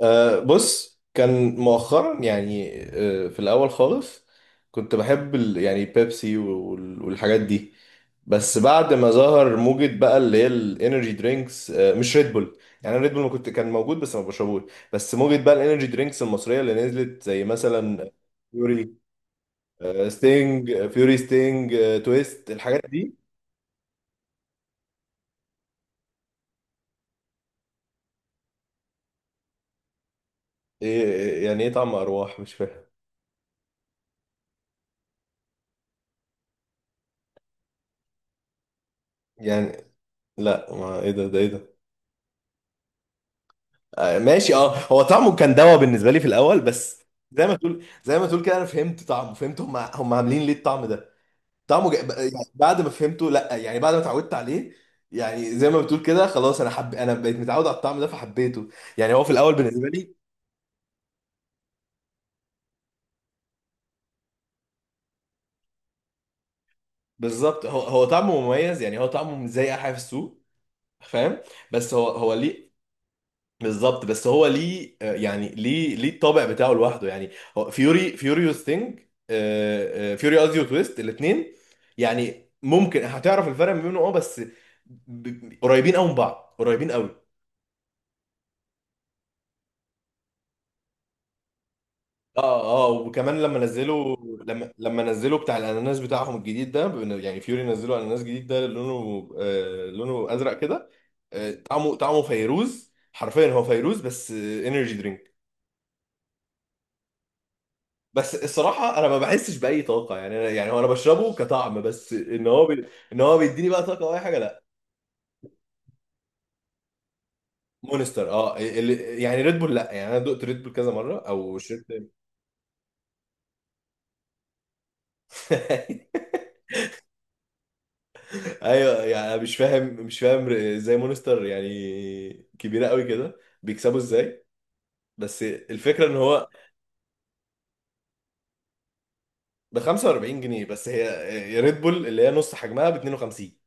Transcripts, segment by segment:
بص كان مؤخرا، يعني في الأول خالص، كنت بحب ال، يعني بيبسي وال- والحاجات دي. بس بعد ما ظهر موجة بقى اللي هي الانرجي درينكس، مش ريد بول، يعني ريد بول ما كنت كان موجود بس ما بشربوش. بس موجة بقى الانرجي درينكس المصرية اللي نزلت، زي مثلا فيوري، ستينج، فيوري، ستينج، تويست، الحاجات دي. إيه يعني ايه طعم أرواح؟ مش فاهم. يعني لا ما ايه ده ده ايه ده؟ آه، ماشي. اه هو طعمه كان دوا بالنسبه لي في الاول، بس زي ما تقول كده، انا فهمت طعمه، فهمت هم عاملين ليه الطعم ده. طعمه جا... يعني بعد ما اتعودت عليه، يعني زي ما بتقول كده، خلاص، انا بقيت متعود على الطعم ده فحبيته. يعني هو في الاول بالنسبه لي. بالظبط، هو طعمه مميز، يعني هو طعمه مش زي اي حاجه في السوق، فاهم؟ بس هو ليه؟ بالظبط، بس هو ليه؟ يعني ليه الطابع بتاعه لوحده يعني؟ هو فيوري فيوريوس ثينج فيوري قصدي وتويست، الاثنين يعني ممكن هتعرف الفرق ما بينهم، اه، بس قريبين قوي من بعض، قريبين قوي. اه، اه، وكمان لما نزلوا، لما نزلوا بتاع الاناناس بتاعهم الجديد ده، يعني فيوري نزلوا اناناس جديد ده لونه، آه، لونه ازرق كده. آه، طعمه فيروز حرفيا، هو فيروز بس انرجي درينك. بس الصراحه، انا ما بحسش باي طاقه، يعني انا، يعني هو، انا بشربه كطعم بس، ان هو بي... ان هو بيديني بقى طاقه او اي حاجه، لا. مونستر، اللي... يعني ريد بول لا، يعني انا دقت ريد بول كذا مره او شربت ايوه، يعني أنا مش فاهم ازاي مونستر يعني كبيره قوي كده، بيكسبوا ازاي؟ بس الفكره ان هو ب 45 جنيه بس، هي ريد بول اللي هي نص حجمها ب 52.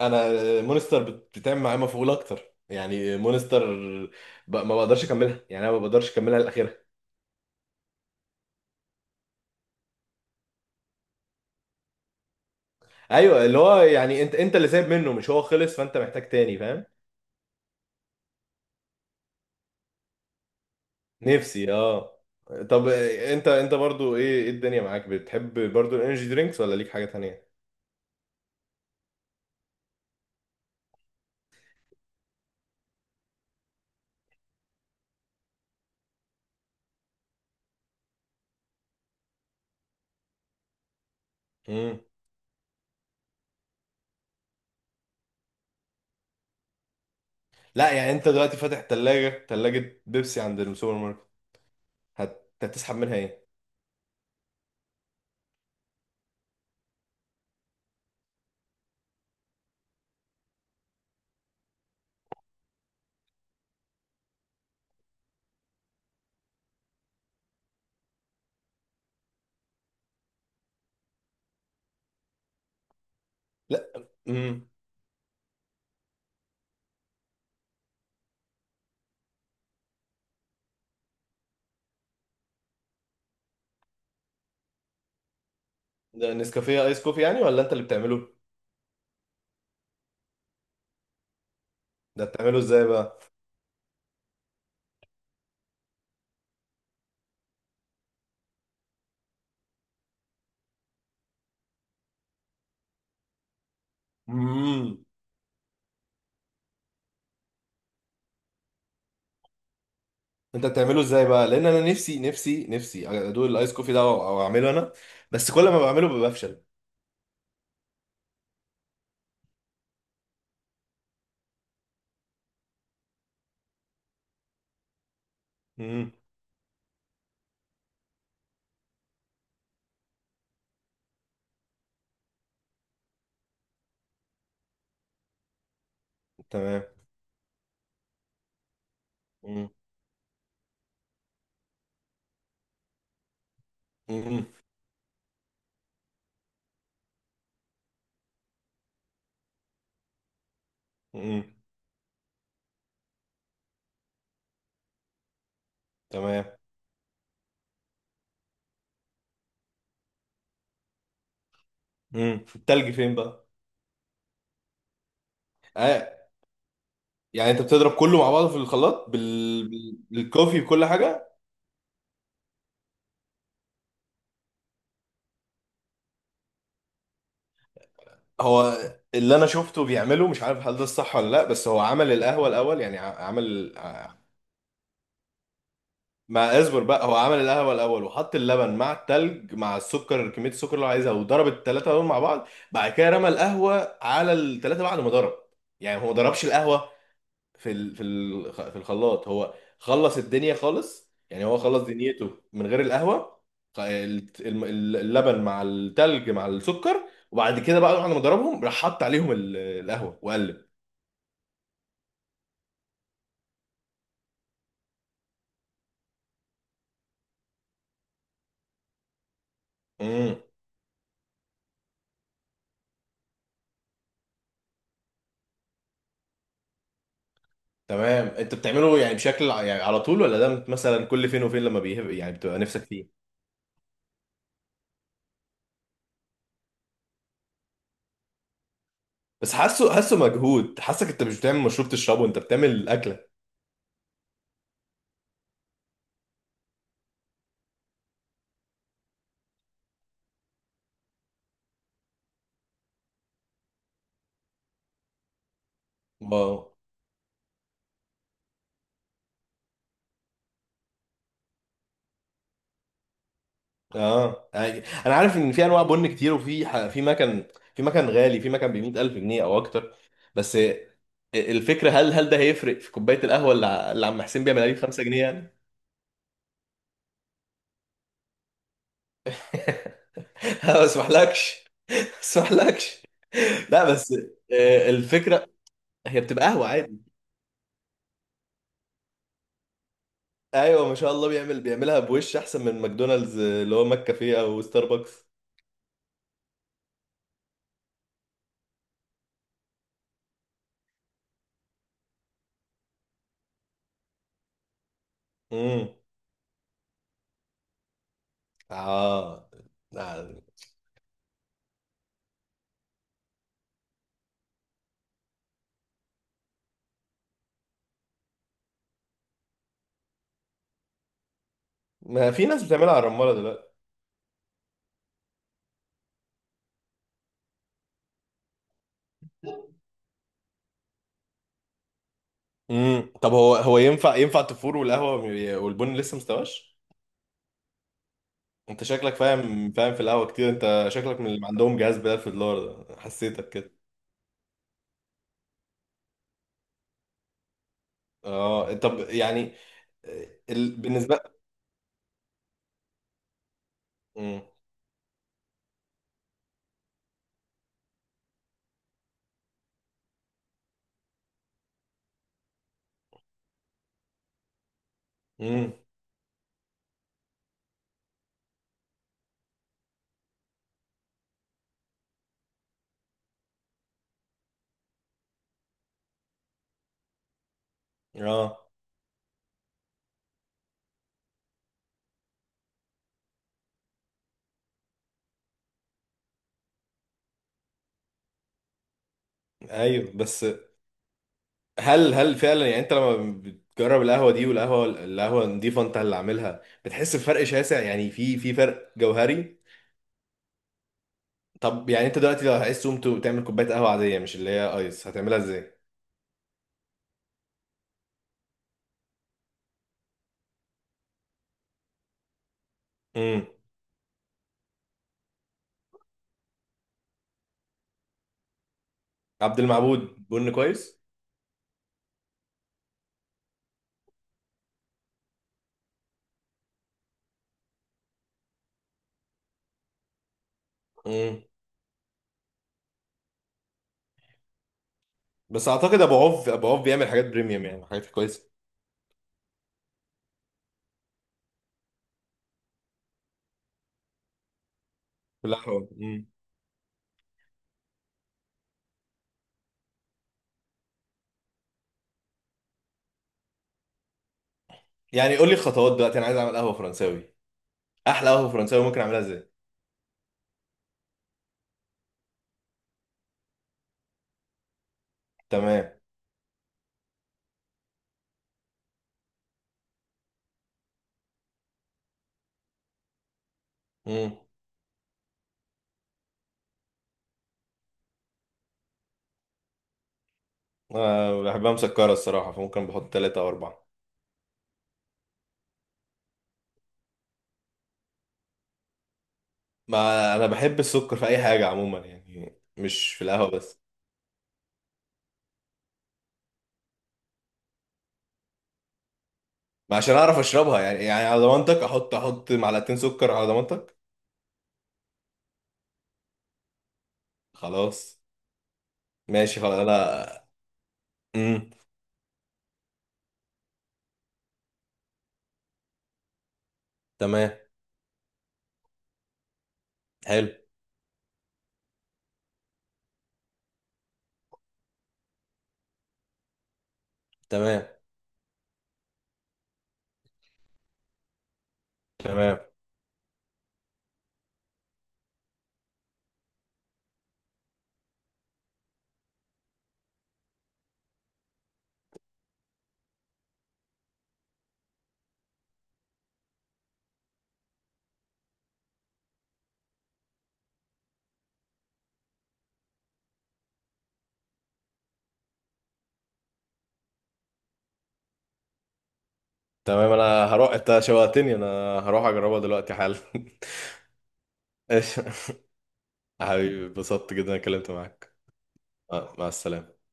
انا مونستر بتعمل معايا مفعول اكتر، يعني مونستر ب... ما بقدرش اكملها، يعني انا ما بقدرش اكملها لاخرها. ايوه، اللي هو يعني انت اللي سايب منه، مش هو خلص، فانت محتاج تاني، فاهم؟ نفسي، اه. طب انت، برضو ايه؟ الدنيا معاك؟ بتحب برضو الانرجي درينكس، ولا ليك حاجة تانية؟ امم. لا يعني، انت دلوقتي فاتح تلاجة، تلاجة بيبسي عند السوبر ماركت، هتسحب منها ايه؟ لا. امم. ده نسكافيه ايس كوفي يعني، ولا انت اللي بتعمله؟ ده بتعمله ازاي بقى؟ مم. انت بتعمله ازاي بقى؟ لان انا نفسي ادوق الايس كوفي ده، او اعمله انا، بس كل ما بعمله بفشل. امم. تمام. امم. امم. امم. تمام. امم، التلج فين بقى؟ آه. يعني انت بتضرب كله مع بعضه في الخلاط، بالكوفي، بكل حاجه؟ هو اللي انا شفته بيعمله مش عارف هل ده الصح ولا لا، بس هو عمل القهوه الاول، يعني عمل، ما اصبر بقى، هو عمل القهوه الاول، وحط اللبن مع التلج مع السكر، كميه السكر اللي هو عايزها، وضرب الثلاثه دول مع بعض. بعد كده رمى القهوه على الثلاثه بعد ما ضرب. يعني هو ما ضربش القهوه في الخلاط. هو خلص الدنيا خالص، يعني هو خلص دنيته من غير القهوه. خ- ال- الم- اللبن مع التلج مع السكر، وبعد كده بقى بعد ما ضربهم، راح حط عليهم القهوه وقلب. امم. تمام. انت بتعمله يعني بشكل يعني على طول، ولا ده مثلا كل فين وفين لما بيهب، يعني بتبقى نفسك فيه؟ بس حاسه مجهود، حاسك انت مش بتعمل مشروب تشربه، انت بتعمل الاكله. واو. اه يعني، انا عارف ان في انواع بن كتير، وفي في مكان غالي، في مكان ب 100,000 جنيه او اكتر. بس الفكره، هل ده هيفرق في كوبايه القهوه اللي اللي عم حسين بيعملها لي ب 5 جنيه يعني؟ ما اسمحلكش. ما اسمحلكش. لا بس، آه، الفكره، هي بتبقى قهوه عادي. ايوه، ما شاء الله، بيعملها بوش احسن من ماكدونالدز، آه، اللي هو ماك كافيه او ستاربكس. اه. آه. ما في ناس بتعملها على الرمالة دلوقتي. امم، طب هو، ينفع التفور والقهوة والبن لسه مستواش؟ انت شكلك فاهم في القهوة كتير، انت شكلك من اللي عندهم جهاز بدل في الدولار ده، حسيتك كده. اه، طب يعني، آه، ال... بالنسبة. امم. امم. اه، ايوه، بس هل فعلا يعني، انت لما بتجرب القهوة دي والقهوة، النضيفة انت اللي عاملها، بتحس بفرق شاسع؟ يعني في فرق جوهري؟ طب يعني، انت دلوقتي لو عايز تقوم تعمل كوبايه قهوه عاديه مش اللي هي ايس، هتعملها ازاي؟ امم، عبد المعبود بن كويس. امم، بس اعتقد ابو عوف، ابو عوف بيعمل حاجات بريميوم، يعني حاجات كويسه. كلها حلوه. امم. يعني قول لي الخطوات دلوقتي، انا عايز اعمل قهوه فرنساوي، احلى قهوه فرنساوي ممكن اعملها ازاي؟ تمام. امم. أه بحبها مسكره الصراحه، فممكن بحط 3 او 4. ما انا بحب السكر في اي حاجه عموما، يعني مش في القهوه بس. ما عشان اعرف اشربها، يعني يعني على ضمانتك، احط 2 معلقتين سكر على ضمانتك. خلاص. ماشي، خلاص، انا. امم. تمام. حلو. تمام. تمام. تمام، انا هروح، انت شوقتني، انا هروح اجربها دلوقتي حالا. ايش. حبيبي، اتبسطت جدا إني اتكلمت معاك. آه، مع السلامة.